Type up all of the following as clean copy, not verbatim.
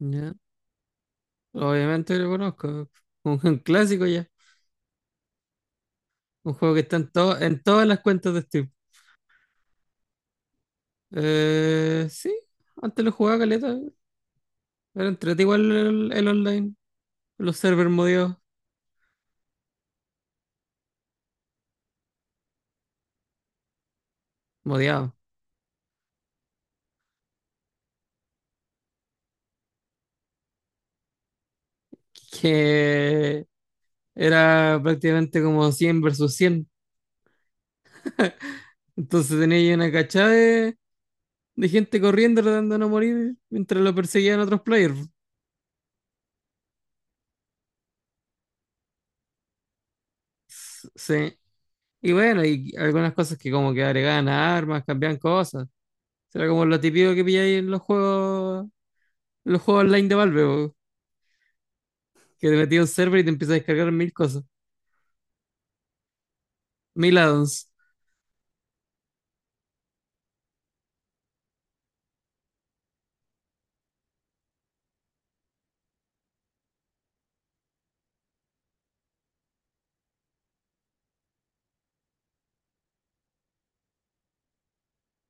Ya. Obviamente lo conozco. Un clásico ya. Un juego que está en todas las cuentas de Steam. Sí, antes lo jugaba caleta. Era entrete igual el online. Los servers modeados. Modeados. Que era prácticamente como 100 versus cien. Entonces tenía ahí una cachada de gente corriendo tratando de no morir mientras lo perseguían otros players. Sí. Y bueno, y algunas cosas que como que agregaban armas, cambiaban cosas. Será como lo típico que pilláis en los juegos online de Valve, po, que te metí a un server y te empiezas a descargar mil cosas, mil addons.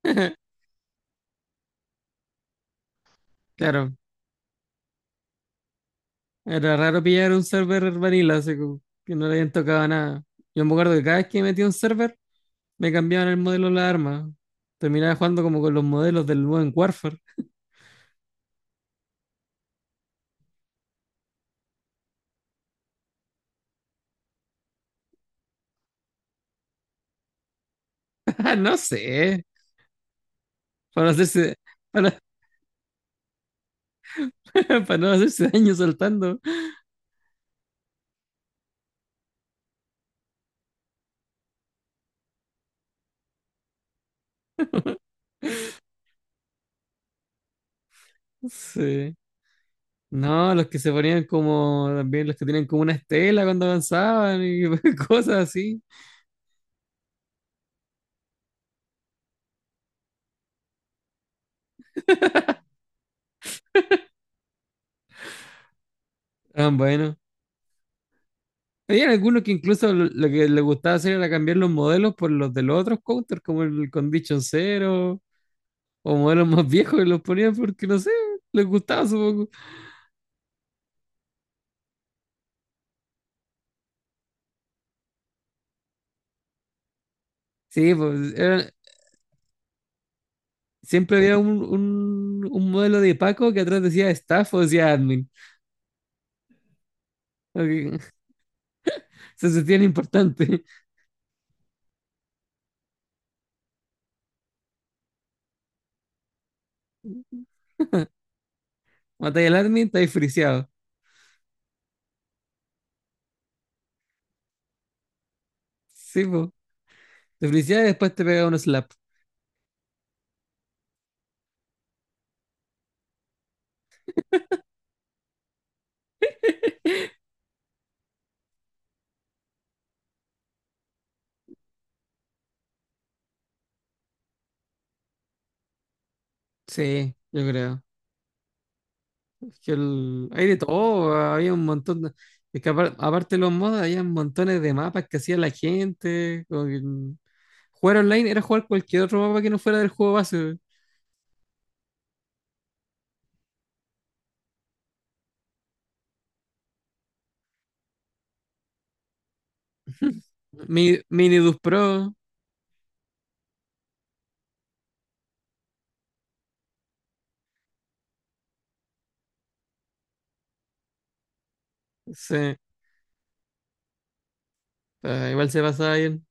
Claro, era raro pillar un server vanilla, así como que no le habían tocado nada. Yo me acuerdo que cada vez que metía un server, me cambiaban el modelo de la arma. Terminaba jugando como con los modelos del nuevo en Warfare. Ah, no sé, para hacerse, para, para no hacerse daño saltando. Sí. No, los que se ponían como, también los que tenían como una estela cuando avanzaban y cosas así. Ah, bueno. Había algunos que incluso lo que les gustaba hacer era cambiar los modelos por los de los otros counters, como el Condition Zero, o modelos más viejos que los ponían porque, no sé, les gustaba supongo. Sí, pues siempre había un modelo de Paco que atrás decía staff o decía admin. Porque se sentían importantes. Matáis al admin, estáis friseado. Sí, pues. Te friseas y después te pega un slap. Sí, yo creo. Es que el... hay de todo, había un montón de... es que aparte de los mods, había montones de mapas que hacía la gente, como que, jugar online era jugar cualquier otro mapa que no fuera del juego base. Minidus Pro, sí, ah, igual se pasaba bien.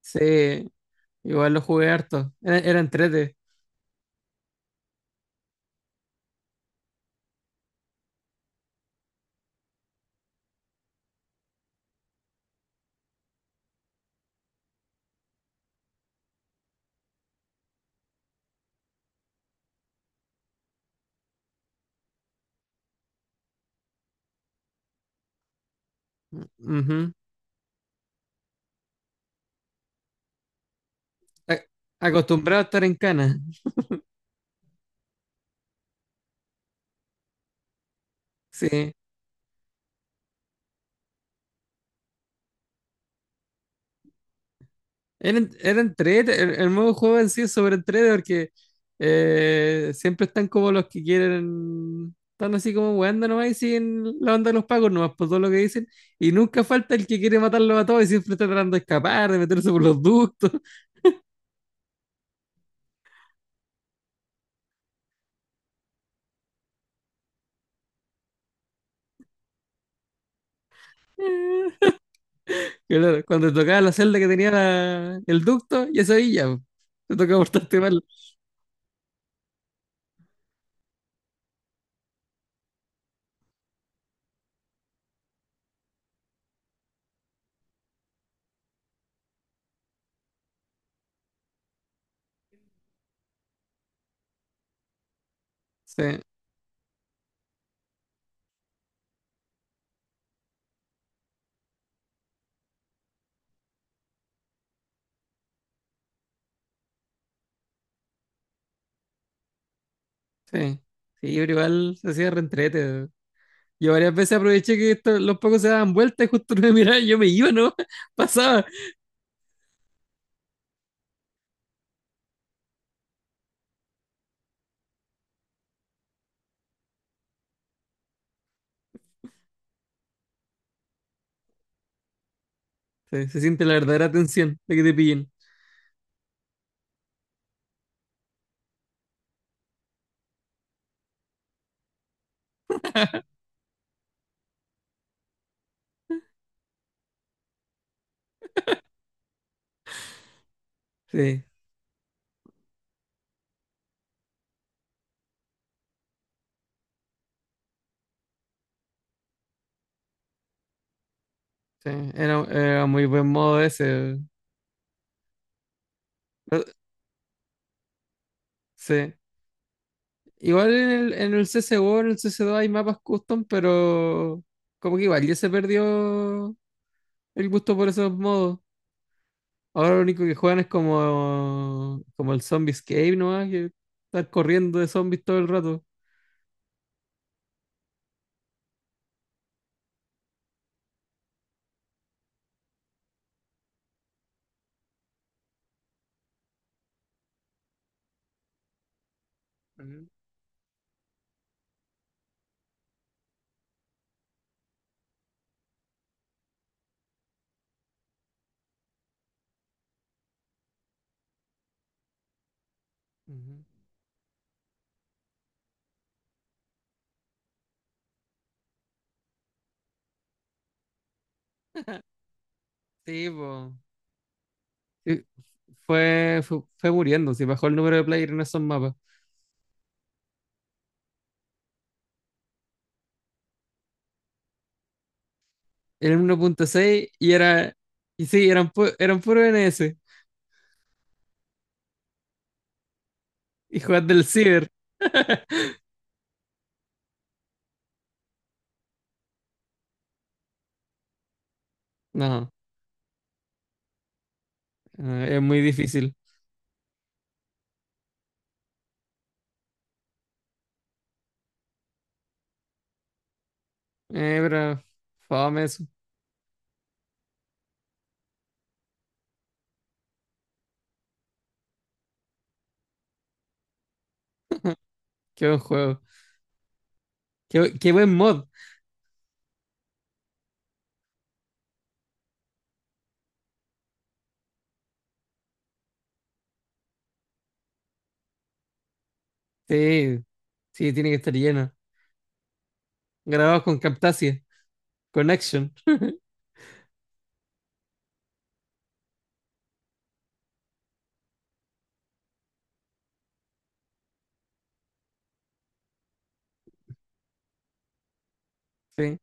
Sí, igual lo jugué harto. Era, era entrete. Ujú. A- Acostumbrado a estar en cana. Sí. Era, era entrete, el modo de juego en sí es sobre entrete porque siempre están como los que quieren, están así como weando nomás y siguen la onda de los pagos nomás por todo lo que dicen. Y nunca falta el que quiere matarlos a todos y siempre está tratando de escapar, de meterse por los ductos. Claro, cuando te tocaba la celda que tenía el ducto, ya sabía, po. Te tocaba portarte mal. Sí, sí. Sí, pero igual se hacía reentrete. Yo varias veces aproveché que los pocos se daban vueltas y justo no me miraban, yo me iba, ¿no? Pasaba. Sí, se siente la verdadera tensión de que te pillen. Sí, sí, era muy buen modo ese. Eh, Sí. Igual en en el CSGO, en el CS2 hay mapas custom, pero como que igual ya se perdió el gusto por esos modos. Ahora lo único que juegan es como el Zombie Escape, ¿no? Que estar corriendo de zombies todo el rato. Ujú, ujú. Ujú. Sí, po. Fue muriendo, si bajó el número de players en esos mapas. Era uno punto seis y era. Y sí, eran puro N s. Y jugar del Ciber. No, es muy difícil. Pero. Fame eso. Qué buen juego. Qué buen mod. Sí, sí, tiene que estar lleno. Grabado con Camtasia. Con Action. Sí.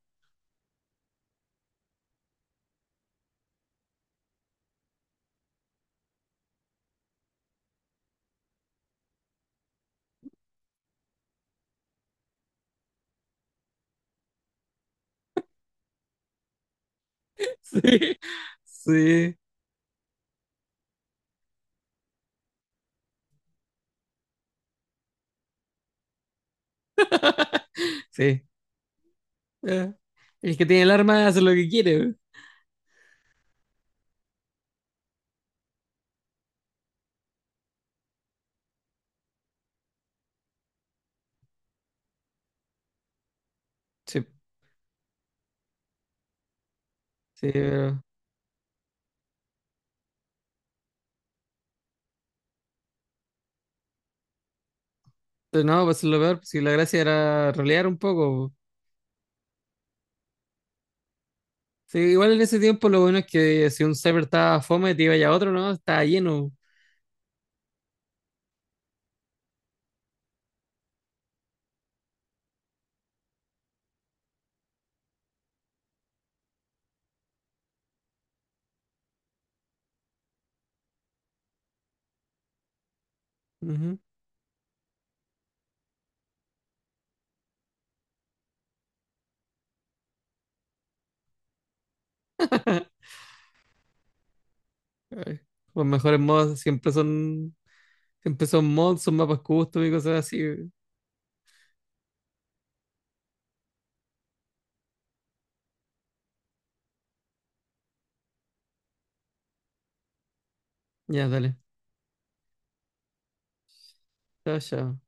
Sí. Sí. Sí. Eh, el que tiene el arma hace lo que quiere. Sí. Sí, pero no, pues lo peor, si la gracia era rolear un poco. Sí, igual en ese tiempo lo bueno es que si un server estaba fome, te iba ya a otro, ¿no? Estaba lleno. Ujú. Ay, los mejores mods siempre son mods, son mapas custom y cosas así. Ya, dale. Chao, chao.